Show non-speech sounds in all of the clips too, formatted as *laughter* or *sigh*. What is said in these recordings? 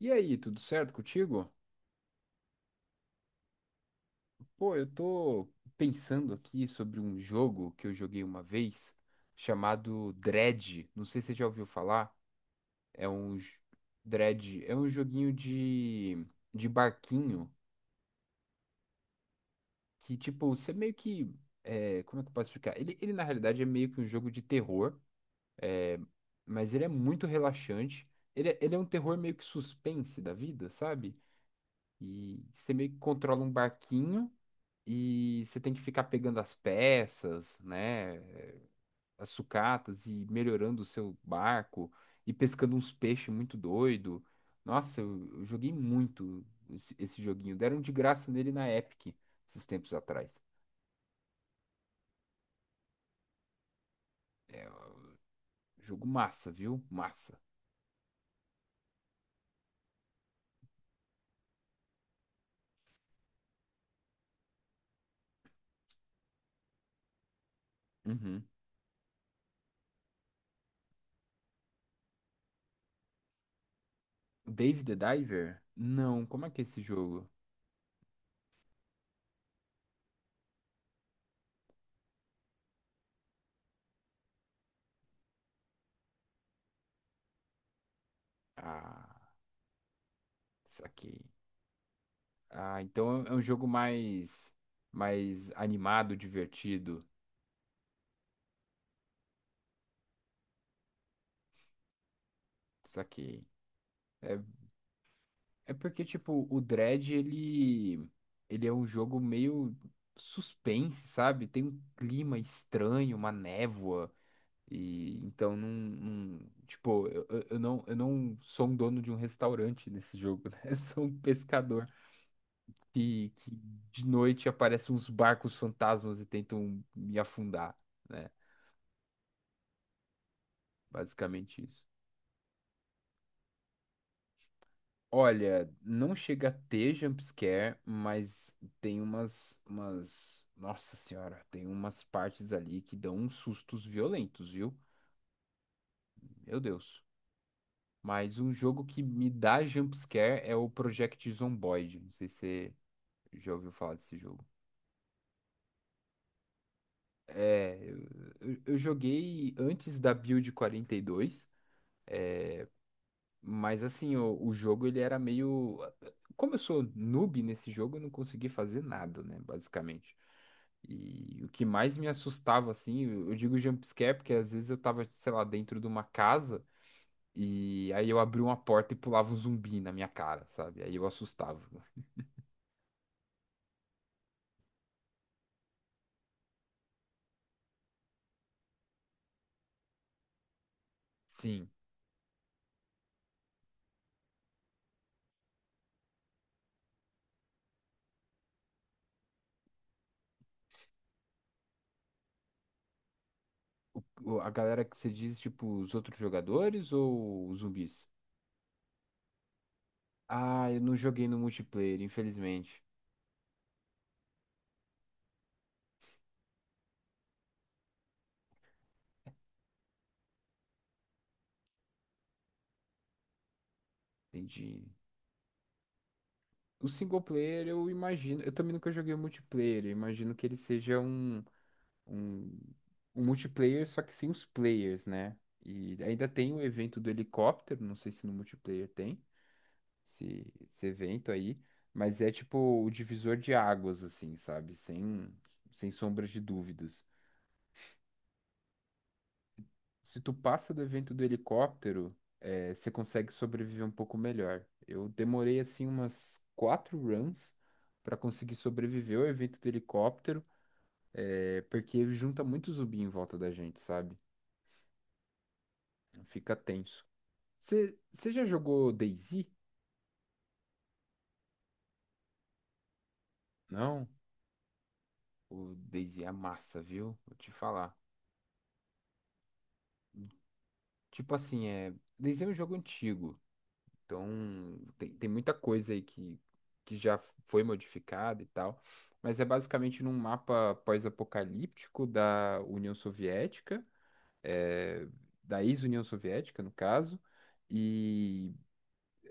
E aí, tudo certo contigo? Pô, eu tô pensando aqui sobre um jogo que eu joguei uma vez chamado Dread. Não sei se você já ouviu falar. É um j- Dread, é um joguinho de barquinho que, tipo, você meio que. Como é que eu posso explicar? Ele, na realidade, é meio que um jogo de terror, é, mas ele é muito relaxante. Ele é um terror meio que suspense da vida, sabe? E você meio que controla um barquinho. E você tem que ficar pegando as peças, né, as sucatas e melhorando o seu barco e pescando uns peixes muito doido. Nossa, eu joguei muito esse joguinho. Deram de graça nele na Epic esses tempos atrás. É, jogo massa, viu? Massa. Uhum. Dave the Diver? Não, como é que é esse jogo? Ah, saquei. Ah, então é um jogo mais animado, divertido. Saquei. É, é porque, tipo, o Dread, ele é um jogo meio suspense, sabe? Tem um clima estranho, uma névoa. E então tipo, eu não sou um dono de um restaurante nesse jogo, né? *laughs* Eu sou um pescador que de noite aparecem uns barcos fantasmas e tentam me afundar, né? Basicamente isso. Olha, não chega a ter jumpscare, mas tem umas, umas. Nossa senhora, tem umas partes ali que dão uns sustos violentos, viu? Meu Deus. Mas um jogo que me dá jumpscare é o Project Zomboid. Não sei se você já ouviu falar desse jogo. É, eu joguei antes da Build 42. Mas assim, o jogo ele era meio. Como eu sou noob nesse jogo, eu não consegui fazer nada, né? Basicamente. E o que mais me assustava, assim, eu digo jump scare, porque às vezes eu tava, sei lá, dentro de uma casa e aí eu abri uma porta e pulava um zumbi na minha cara, sabe? Aí eu assustava. Sim. O- a galera que você diz, tipo, os outros jogadores ou os zumbis? Ah, eu não joguei no multiplayer, infelizmente. Entendi. O single player, eu imagino. Eu também nunca joguei o multiplayer. Eu imagino que ele seja um, um multiplayer, só que sem os players, né? E ainda tem o evento do helicóptero. Não sei se no multiplayer tem esse, esse evento aí. Mas é tipo o divisor de águas, assim, sabe? Sem sombras de dúvidas. Se tu passa do evento do helicóptero, você consegue sobreviver um pouco melhor. Eu demorei assim umas 4 runs para conseguir sobreviver ao evento do helicóptero, porque junta muito zumbi em volta da gente, sabe? Fica tenso. Você já jogou DayZ? Não? O DayZ é massa, viu? Vou te falar. Tipo assim, DayZ é um jogo antigo. Então, tem muita coisa aí que já foi modificada e tal, mas é basicamente num mapa pós-apocalíptico da União Soviética, eh, da ex-União Soviética, no caso, e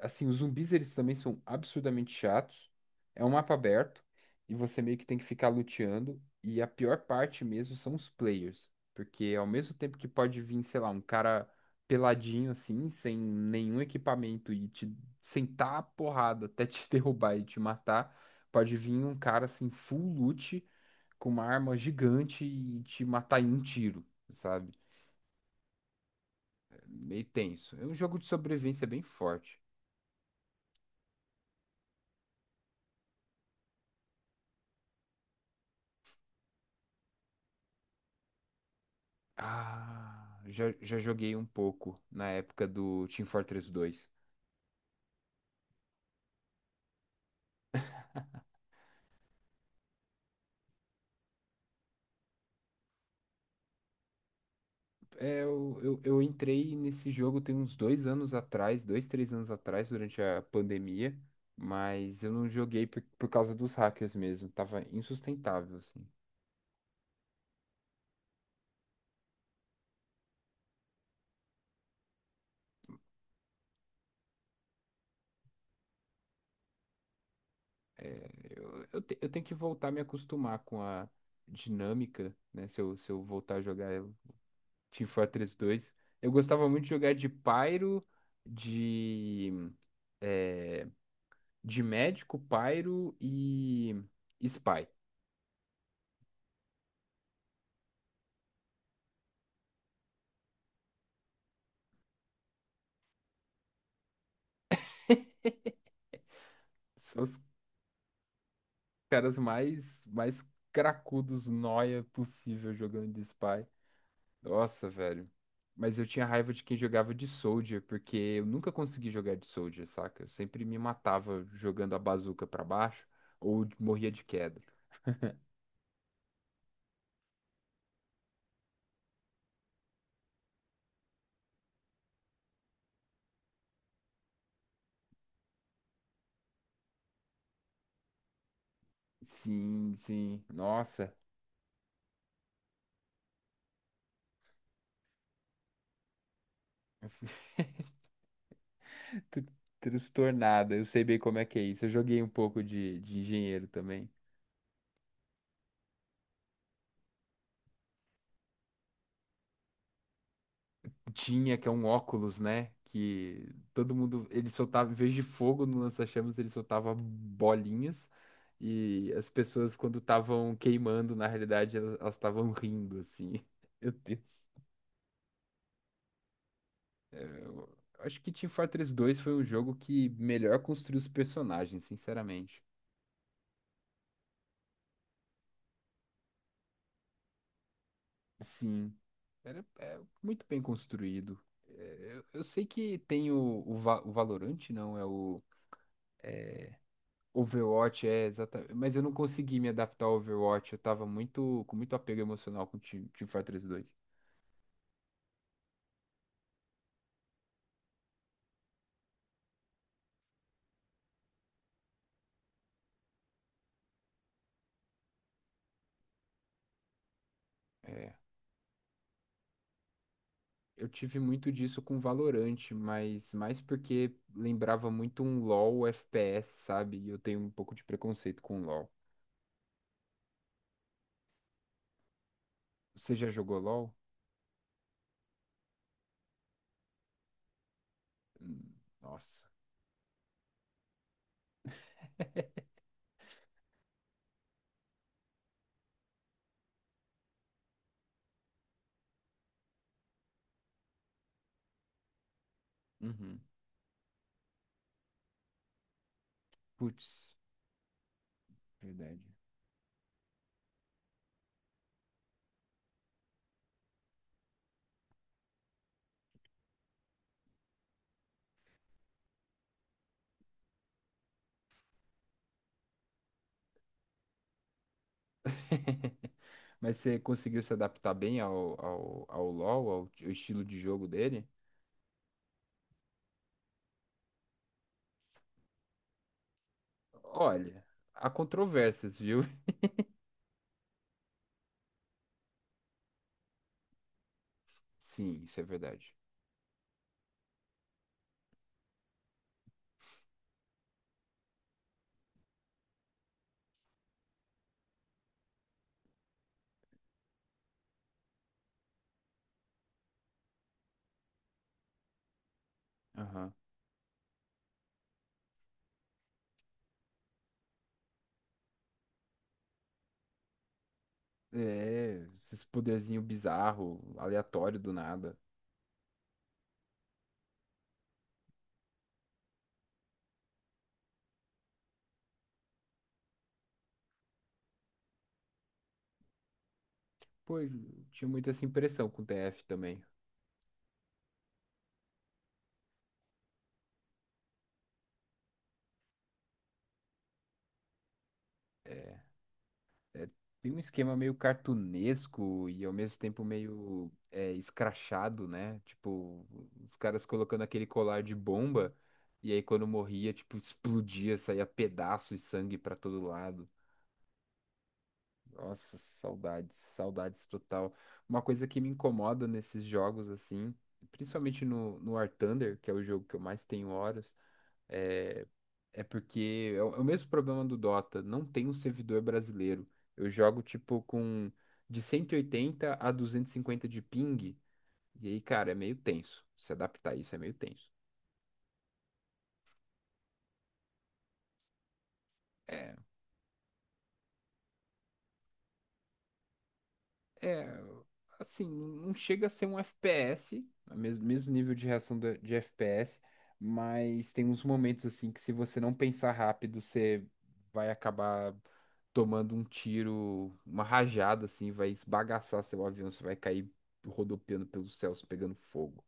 assim, os zumbis eles também são absurdamente chatos. É um mapa aberto e você meio que tem que ficar luteando. E a pior parte mesmo são os players, porque ao mesmo tempo que pode vir, sei lá, um cara peladinho assim, sem nenhum equipamento e te sentar a porrada até te *laughs* derrubar e te matar, pode vir um cara assim full loot com uma arma gigante e te matar em um tiro, sabe? É meio tenso. É um jogo de sobrevivência bem forte. Ah, já joguei um pouco na época do Team Fortress 2. É, eu entrei nesse jogo tem uns dois anos atrás, dois, três anos atrás, durante a pandemia, mas eu não joguei por causa dos hackers mesmo. Tava insustentável, assim. É, eu tenho que voltar a me acostumar com a dinâmica, né? Se eu voltar a jogar o Team Fortress 2. Eu gostava muito de jogar de Pyro, de. é, de médico, pairo e spy. São os caras mais cracudos, noia possível jogando de spy. Nossa, velho. Mas eu tinha raiva de quem jogava de soldier, porque eu nunca consegui jogar de soldier, saca? Eu sempre me matava jogando a bazuca pra baixo ou morria de queda. Sim, sim. Nossa. *laughs* Eu fui tr- Transtornada. Eu sei bem como é que é isso. Eu joguei um pouco de engenheiro também. Tinha, que é um óculos, né? Que todo mundo, ele soltava, em vez de fogo no lança-chamas, ele soltava bolinhas. E as pessoas, quando estavam queimando, na realidade, elas estavam rindo, assim. *laughs* Meu Deus. É, eu acho que Team Fortress 2 foi um jogo que melhor construiu os personagens, sinceramente. Sim, era, é muito bem construído. É, Eu sei que tem o Valorant, não, é o Overwatch. É exatamente. Mas eu não consegui me adaptar ao Overwatch. Eu tava muito, com muito apego emocional com o Team Fortress dois. É. Eu tive muito disso com Valorant, mas mais porque lembrava muito um LoL FPS, sabe? E eu tenho um pouco de preconceito com LoL. Você já jogou LoL? Hum, Nossa. Uhum. Putz, verdade. *laughs* Mas você conseguiu se adaptar bem ao LoL, ao estilo de jogo dele? Olha, há controvérsias, viu? Sim, isso é verdade. Aham. É, esses poderzinho bizarro, aleatório do nada. Pô, eu tinha muito essa impressão com o TF também. É, é, tem um esquema meio cartunesco e ao mesmo tempo meio escrachado, né? Tipo, os caras colocando aquele colar de bomba e aí quando morria, tipo, explodia, saía pedaço e sangue pra todo lado. Nossa, saudades, saudades total. Uma coisa que me incomoda nesses jogos, assim, principalmente no War Thunder, que é o jogo que eu mais tenho horas, é, é porque é o mesmo problema do Dota, não tem um servidor brasileiro. Eu jogo, tipo, com de 180 a 250 de ping, e aí, cara, é meio tenso. Se adaptar a isso é meio tenso. É, É, assim, não chega a ser um FPS, mesmo nível de reação de FPS, mas tem uns momentos assim que se você não pensar rápido, você vai acabar tomando um tiro, uma rajada assim, vai esbagaçar seu avião, você vai cair rodopiando pelos céus, pegando fogo.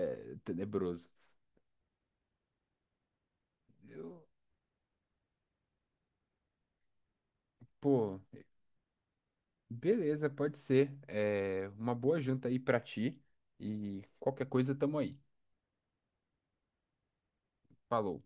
É tenebroso. Eu- Pô, beleza, pode ser. É, uma boa janta aí pra ti e qualquer coisa tamo aí. Falou.